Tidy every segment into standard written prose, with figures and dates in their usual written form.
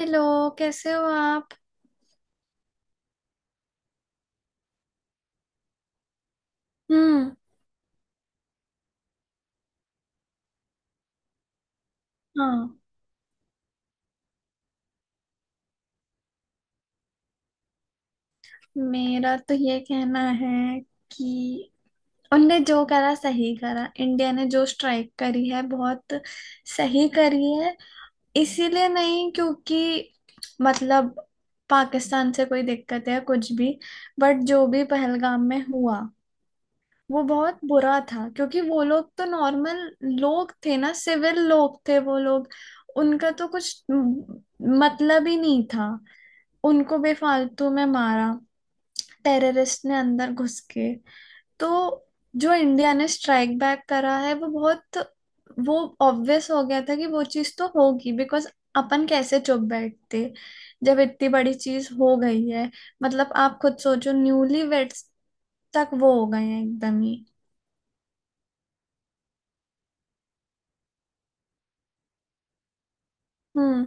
Hello. कैसे हो आप। हम्म। हाँ, मेरा तो ये कहना है कि उनने जो करा सही करा। इंडिया ने जो स्ट्राइक करी है बहुत सही करी है। इसीलिए नहीं क्योंकि मतलब पाकिस्तान से कोई दिक्कत है कुछ भी, बट जो भी पहलगाम में हुआ वो बहुत बुरा था। क्योंकि वो लोग तो नॉर्मल लोग थे ना, सिविल लोग थे वो लोग। उनका तो कुछ मतलब ही नहीं था, उनको बेफालतू में मारा टेररिस्ट ने अंदर घुस के। तो जो इंडिया ने स्ट्राइक बैक करा है वो बहुत, वो ऑब्वियस हो गया था कि वो चीज तो होगी। बिकॉज अपन कैसे चुप बैठते जब इतनी बड़ी चीज हो गई है। मतलब आप खुद सोचो, न्यूली वेड्स तक वो हो गए हैं एकदम ही। हम्म।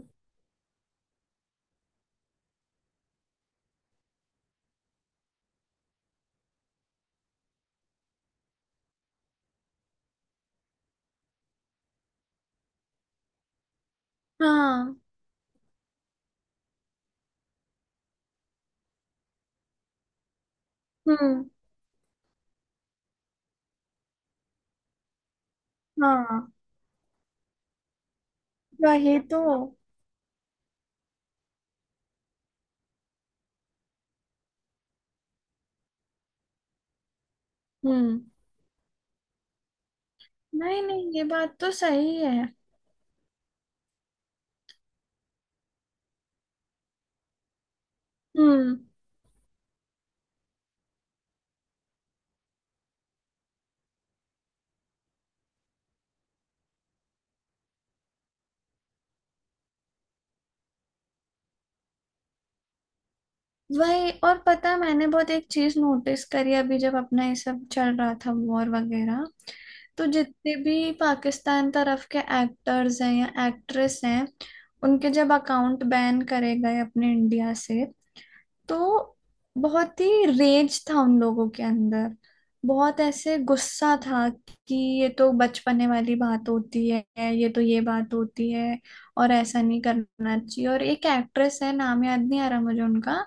हाँ। हम्म। हाँ, वही तो। हम्म। नहीं नहीं, ये बात तो सही है। हम्म। वही। और पता है मैंने बहुत एक चीज नोटिस करी अभी जब अपना ये सब चल रहा था, वॉर वगैरह। तो जितने भी पाकिस्तान तरफ के एक्टर्स हैं या एक्ट्रेस हैं, उनके जब अकाउंट बैन करे गए अपने इंडिया से, तो बहुत ही रेज था उन लोगों के अंदर। बहुत ऐसे गुस्सा था कि ये तो बचपने वाली बात होती है, ये तो ये बात होती है और ऐसा नहीं करना चाहिए। और एक एक्ट्रेस है, नाम याद नहीं आ रहा मुझे उनका,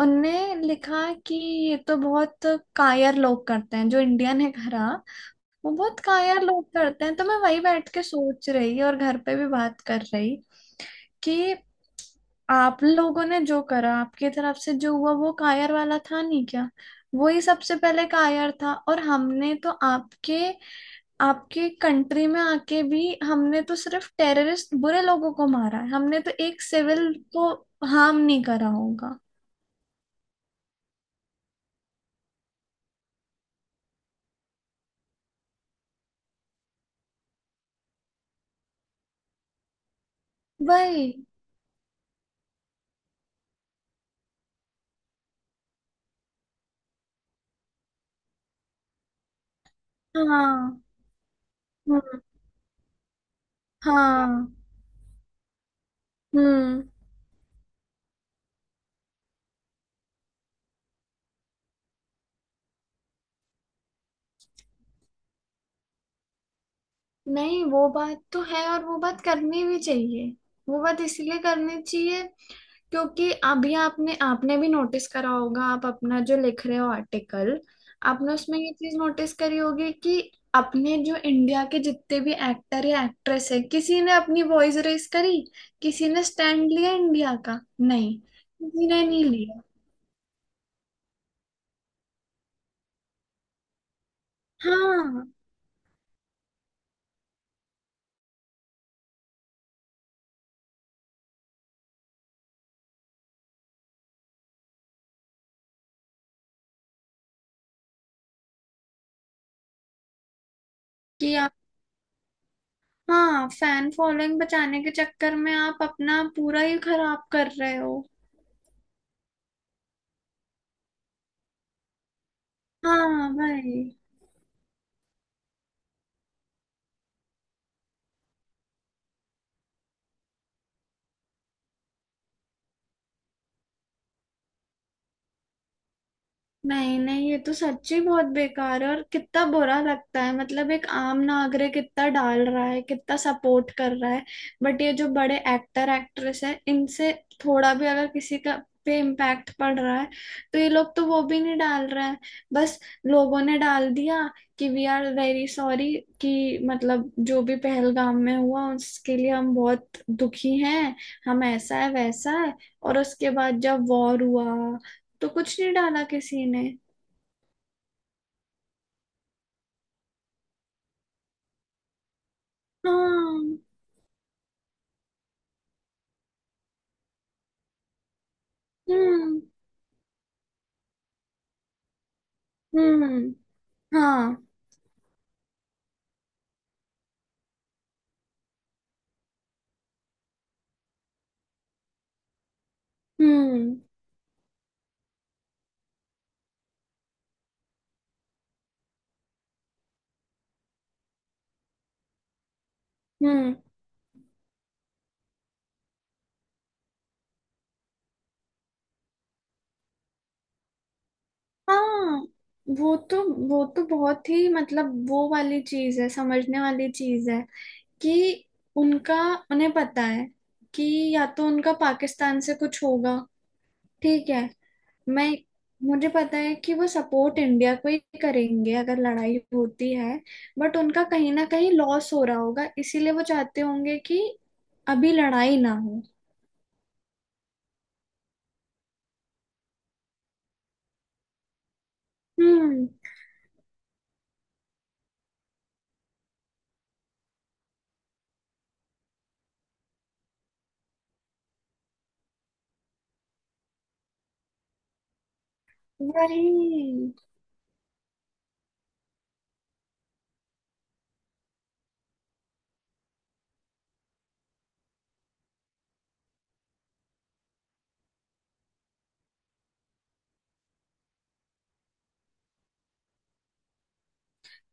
उनने लिखा कि ये तो बहुत कायर लोग करते हैं जो इंडियन है घरा। वो बहुत कायर लोग करते हैं। तो मैं वही बैठ के सोच रही और घर पे भी बात कर रही कि आप लोगों ने जो करा, आपकी तरफ से जो हुआ वो कायर वाला था नहीं क्या। वही सबसे पहले कायर था। और हमने तो आपके आपके कंट्री में आके भी हमने तो सिर्फ टेररिस्ट बुरे लोगों को मारा है, हमने तो एक सिविल को हार्म नहीं करा होगा भाई। हाँ। हम्म। हाँ। हम्म। नहीं, वो बात तो है और वो बात करनी भी चाहिए। वो बात इसलिए करनी चाहिए क्योंकि अभी आपने आपने भी नोटिस करा होगा, आप अपना जो लिख रहे हो आर्टिकल, आपने उसमें ये चीज नोटिस करी होगी कि अपने जो इंडिया के जितने भी एक्टर या एक्ट्रेस है, किसी ने अपनी वॉइस रेस करी, किसी ने स्टैंड लिया इंडिया का? नहीं, किसी ने नहीं लिया। हाँ। कि आप हाँ, फैन फॉलोइंग बचाने के चक्कर में आप अपना पूरा ही खराब कर रहे हो। हाँ भाई। नहीं नहीं, ये तो सच्ची बहुत बेकार है। और कितना बुरा लगता है, मतलब एक आम नागरिक कितना डाल रहा है, कितना सपोर्ट कर रहा है। बट ये जो बड़े एक्टर एक्ट्रेस है इनसे थोड़ा भी अगर किसी का पे इम्पैक्ट पड़ रहा है, तो ये लोग तो वो भी नहीं डाल रहे हैं। बस लोगों ने डाल दिया कि वी आर वेरी सॉरी, कि मतलब जो भी पहलगाम में हुआ उसके लिए हम बहुत दुखी हैं, हम ऐसा है वैसा है। और उसके बाद जब वॉर हुआ तो कुछ नहीं डाला किसी ने। हाँ। हम्म। हम्म। हाँ। हम्म। हम्म। हाँ, वो तो वो तो बहुत ही, मतलब वो वाली चीज है, समझने वाली चीज है कि उनका उन्हें पता है कि या तो उनका पाकिस्तान से कुछ होगा, ठीक है। मैं मुझे पता है कि वो सपोर्ट इंडिया को ही करेंगे अगर लड़ाई होती है। बट उनका कहीं ना कहीं लॉस हो रहा होगा, इसीलिए वो चाहते होंगे कि अभी लड़ाई ना हो। हम्म। वही।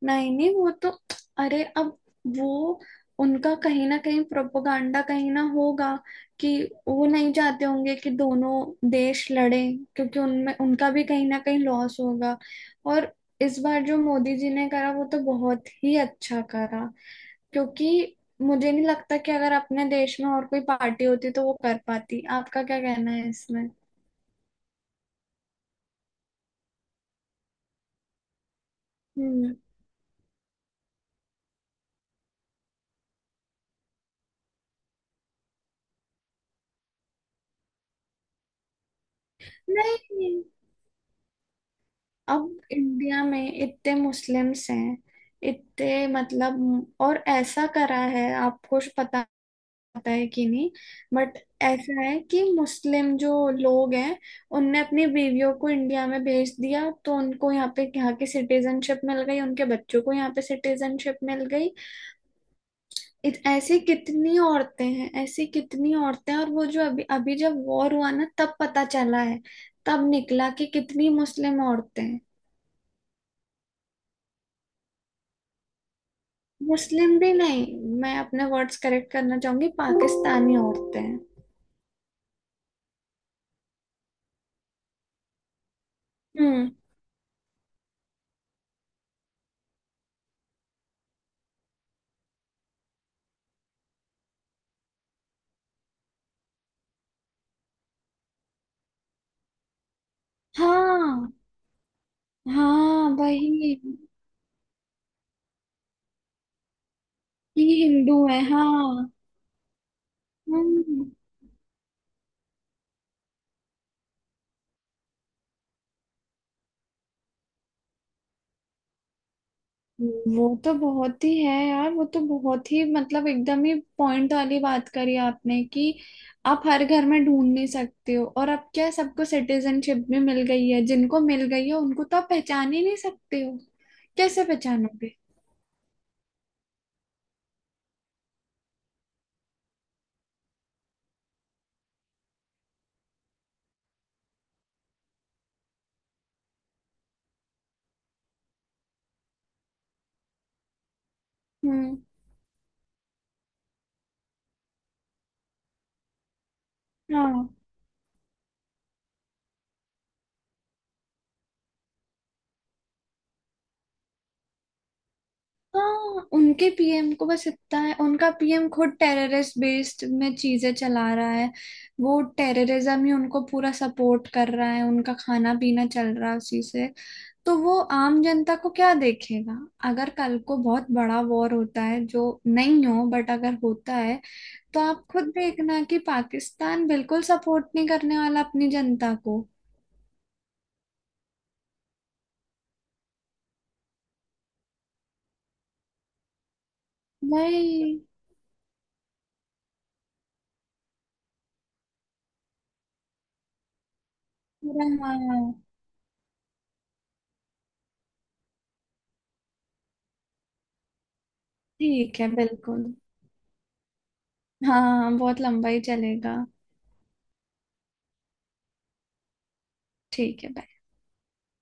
नहीं नहीं वो तो अरे अब वो उनका कहीं ना कहीं प्रोपोगंडा कहीं ना होगा कि वो नहीं चाहते होंगे कि दोनों देश लड़ें, क्योंकि उनमें उनका भी कहीं ना कहीं लॉस होगा। और इस बार जो मोदी जी ने करा वो तो बहुत ही अच्छा करा, क्योंकि मुझे नहीं लगता कि अगर अपने देश में और कोई पार्टी होती तो वो कर पाती। आपका क्या कहना है इसमें। हम्म। नहीं, अब इंडिया में इतने मुस्लिम्स हैं, इतने, मतलब और ऐसा करा है। आपको श- पता, पता है कि नहीं, बट ऐसा है कि मुस्लिम जो लोग हैं, उनने अपनी बीवियों को इंडिया में भेज दिया तो उनको यहाँ पे, यहाँ की सिटीजनशिप मिल गई, उनके बच्चों को यहाँ पे सिटीजनशिप मिल गई। इत- ऐसी कितनी औरतें हैं, ऐसी कितनी औरतें हैं। और वो जो अभी अभी जब वॉर हुआ ना तब पता चला है, तब निकला कि कितनी मुस्लिम औरतें हैं। मुस्लिम भी नहीं, मैं अपने वर्ड्स करेक्ट करना चाहूंगी, पाकिस्तानी औरतें। हम्म। हाँ। हाँ वही, ये हिंदू है। हाँ। हम्म। वो तो बहुत ही है यार। वो तो बहुत ही, मतलब एकदम ही पॉइंट वाली बात करी आपने कि आप हर घर में ढूंढ नहीं सकते हो। और अब क्या है, सबको सिटीजनशिप भी मिल गई है, जिनको मिल गई है उनको तो आप पहचान ही नहीं सकते हो। कैसे पहचानोगे। हम्म। हाँ। हाँ, उनके पीएम को बस इतना है, उनका पीएम खुद टेररिस्ट बेस्ड में चीजें चला रहा है। वो टेररिज्म ही उनको पूरा सपोर्ट कर रहा है, उनका खाना पीना चल रहा है उसी से। तो वो आम जनता को क्या देखेगा। अगर कल को बहुत बड़ा वॉर होता है, जो नहीं हो, बट अगर होता है, तो आप खुद देखना कि पाकिस्तान बिल्कुल सपोर्ट नहीं करने वाला अपनी जनता को। वही। पूरा हाँ। ठीक है, बिल्कुल। हाँ हाँ, बहुत लंबा ही चलेगा। ठीक है bye।